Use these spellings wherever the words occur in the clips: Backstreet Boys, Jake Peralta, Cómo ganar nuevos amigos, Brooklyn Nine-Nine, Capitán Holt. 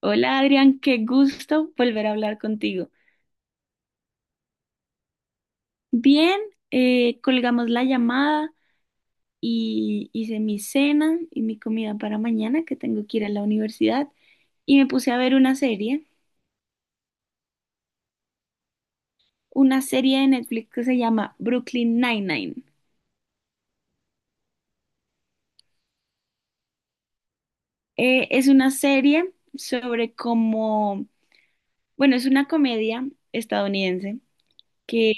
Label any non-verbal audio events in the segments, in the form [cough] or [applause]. Hola Adrián, qué gusto volver a hablar contigo. Bien, colgamos la llamada y hice mi cena y mi comida para mañana, que tengo que ir a la universidad, y me puse a ver una serie de Netflix que se llama Brooklyn Nine-Nine. Es una serie sobre cómo, bueno, es una comedia estadounidense que,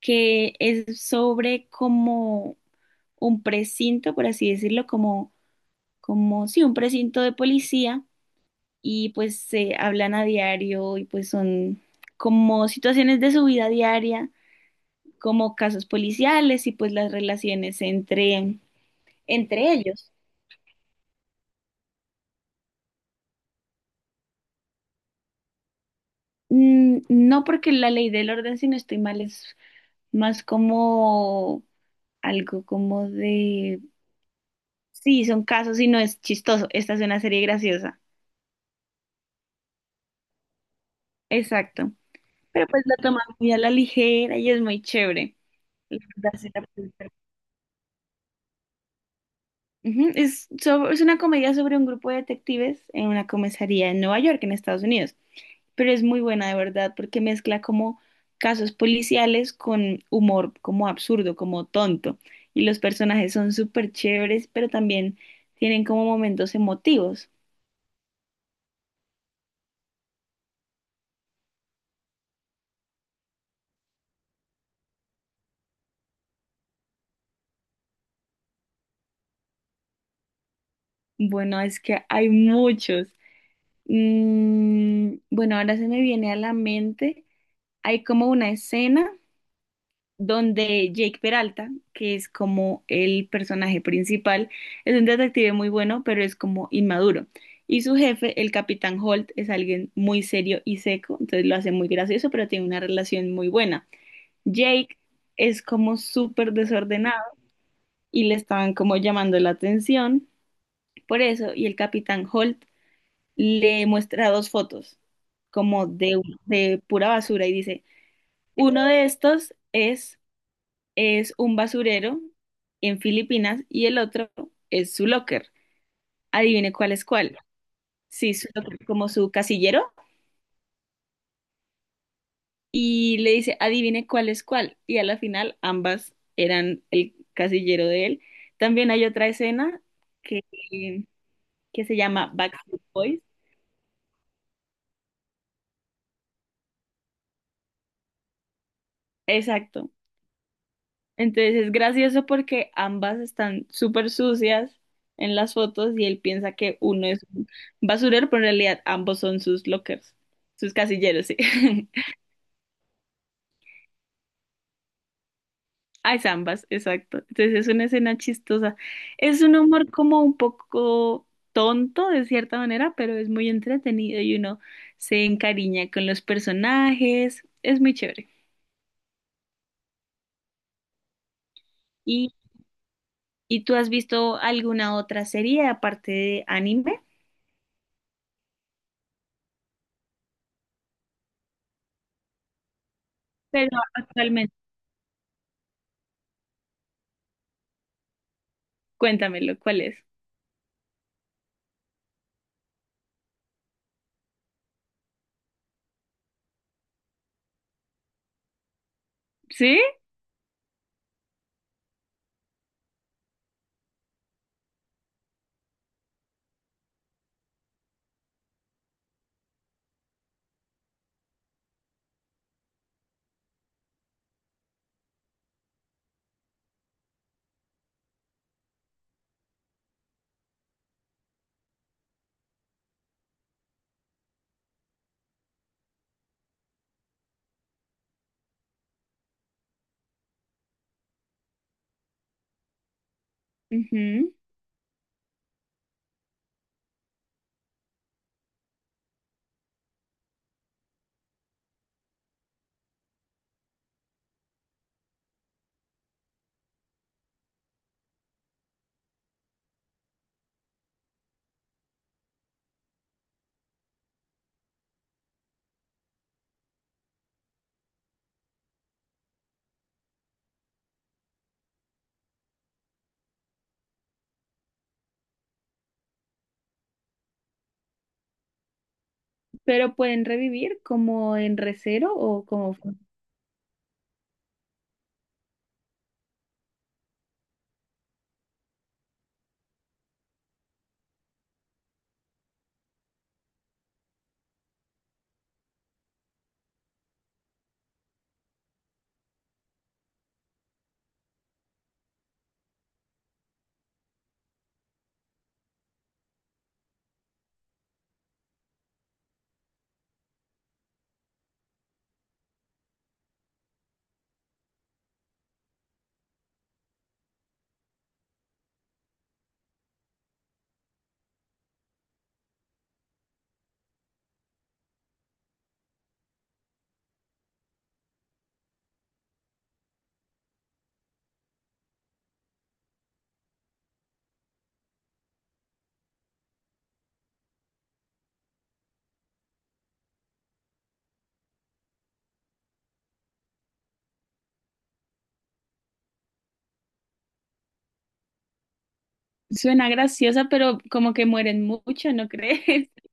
que es sobre como un precinto, por así decirlo, como, como, sí, un precinto de policía y pues se hablan a diario y pues son como situaciones de su vida diaria, como casos policiales y pues las relaciones entre ellos. Mm, no, porque la ley del orden, si no estoy mal, es más como algo como de, sí, son casos y no es chistoso, esta es una serie graciosa, exacto. Pero pues la toman muy a la ligera y es muy chévere. La verdad, sí la puedo. Ujú. Es, es una comedia sobre un grupo de detectives en una comisaría en Nueva York, en Estados Unidos, pero es muy buena de verdad porque mezcla como casos policiales con humor como absurdo, como tonto, y los personajes son súper chéveres, pero también tienen como momentos emotivos. Bueno, es que hay muchos. Mm, bueno, ahora se me viene a la mente, hay como una escena donde Jake Peralta, que es como el personaje principal, es un detective muy bueno, pero es como inmaduro. Y su jefe, el Capitán Holt, es alguien muy serio y seco, entonces lo hace muy gracioso, pero tiene una relación muy buena. Jake es como súper desordenado y le estaban como llamando la atención por eso, y el Capitán Holt le muestra dos fotos como de pura basura y dice, uno de estos es un basurero en Filipinas y el otro es su locker. Adivine cuál es cuál. Sí, su locker, como su casillero. Y le dice, adivine cuál es cuál. Y a la final ambas eran el casillero de él. También hay otra escena que, que se llama Backstreet Boys. Exacto. Entonces es gracioso porque ambas están súper sucias en las fotos y él piensa que uno es un basurero, pero en realidad ambos son sus lockers, sus casilleros, sí. [laughs] Ah, es ambas, exacto. Entonces es una escena chistosa. Es un humor como un poco tonto de cierta manera, pero es muy entretenido y uno se encariña con los personajes. Es muy chévere. ¿Y, y tú has visto alguna otra serie aparte de anime? Pero actualmente. Cuéntamelo, ¿cuál es? ¿Sí? Ujú. Pero pueden revivir como en recero o como... Suena graciosa, pero como que mueren mucho, ¿no crees? [laughs]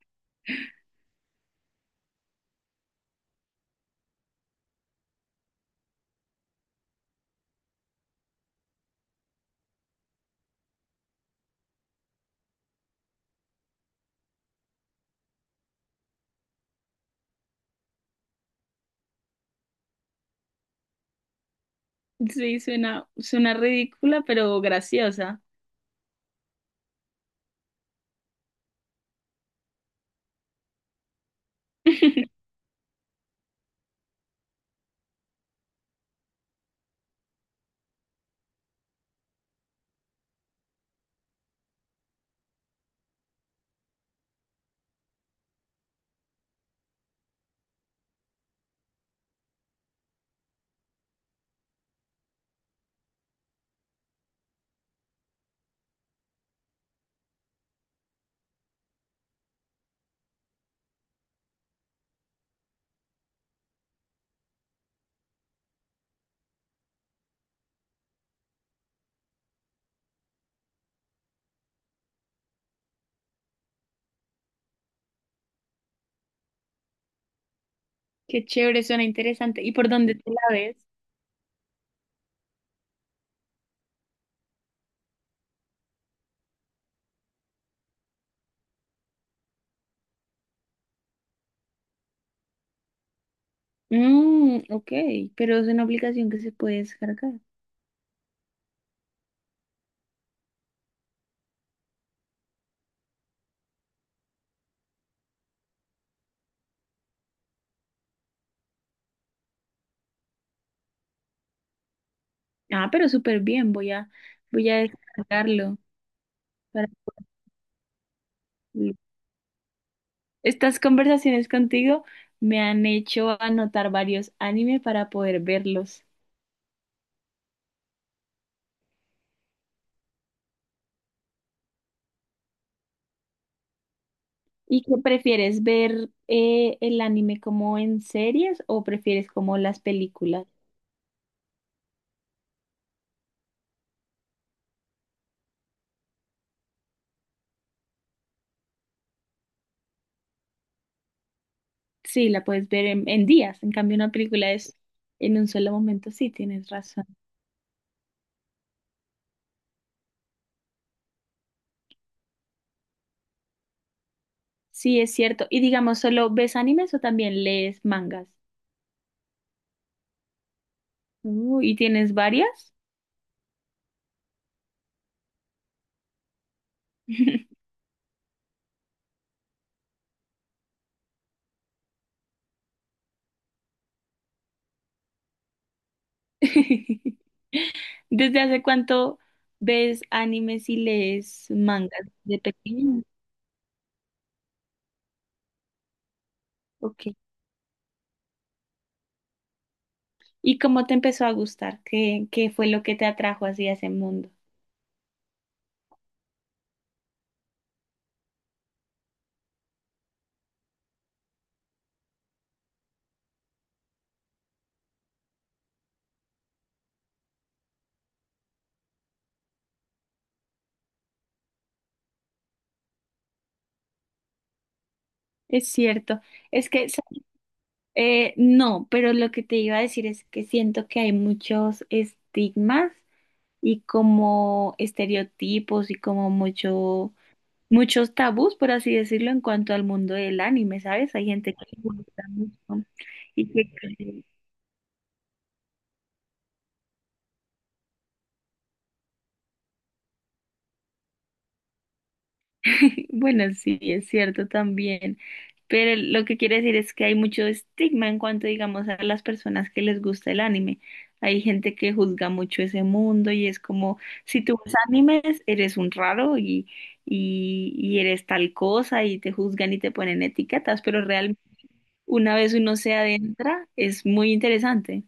Sí, suena, suena ridícula, pero graciosa. [laughs] Qué chévere, suena interesante. ¿Y por dónde te la ves? Mm, ok, pero es una aplicación que se puede descargar. Ah, pero súper bien, voy a, voy a descargarlo para... Estas conversaciones contigo me han hecho anotar varios anime para poder verlos. ¿Y qué prefieres ver, el anime como en series o prefieres como las películas? Sí, la puedes ver en días. En cambio, una película es en un solo momento. Sí, tienes razón. Sí, es cierto. Y digamos, ¿solo ves animes o también lees mangas? ¿Y tienes varias? [laughs] ¿Desde hace cuánto ves animes y lees mangas? ¿De pequeño? Ok. ¿Y cómo te empezó a gustar? ¿Qué, qué fue lo que te atrajo hacia ese mundo? Es cierto, es que no, pero lo que te iba a decir es que siento que hay muchos estigmas y como estereotipos y como mucho, muchos tabús, por así decirlo, en cuanto al mundo del anime, ¿sabes? Hay gente que le gusta mucho y que cree... Sí, bueno, sí, es cierto también, pero lo que quiere decir es que hay mucho estigma en cuanto, digamos, a las personas que les gusta el anime. Hay gente que juzga mucho ese mundo y es como, si tú ves animes, eres un raro y eres tal cosa y te juzgan y te ponen etiquetas, pero realmente una vez uno se adentra, es muy interesante.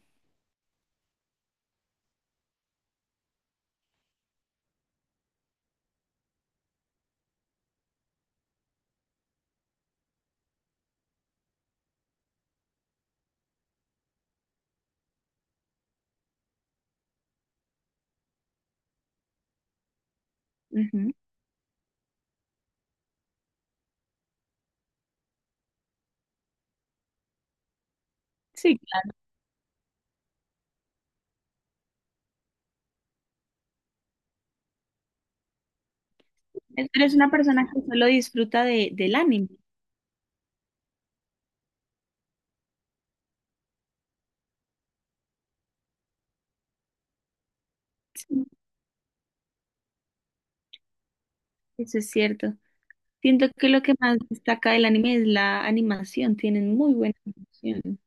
Ujú. Sí, claro. Eres una persona que solo disfruta de, del anime. Sí, eso es cierto. Siento que lo que más destaca del anime es la animación, tienen muy buena animación.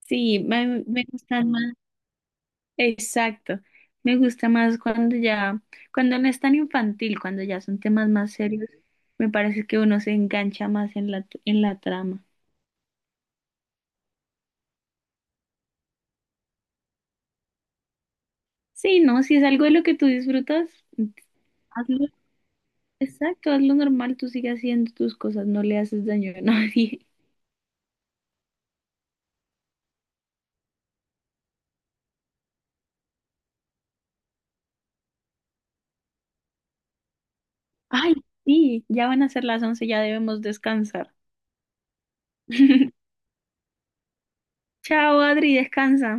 Sí, me gustan más, exacto, me gusta más cuando ya, cuando no es tan infantil, cuando ya son temas más serios, me parece que uno se engancha más en la trama. Sí, no, si es algo de lo que tú disfrutas, hazlo, exacto, hazlo normal, tú sigues haciendo tus cosas, no le haces daño a [laughs] nadie. Ay, sí, ya van a ser las 11, ya debemos descansar. [laughs] Chao, Adri, descansa.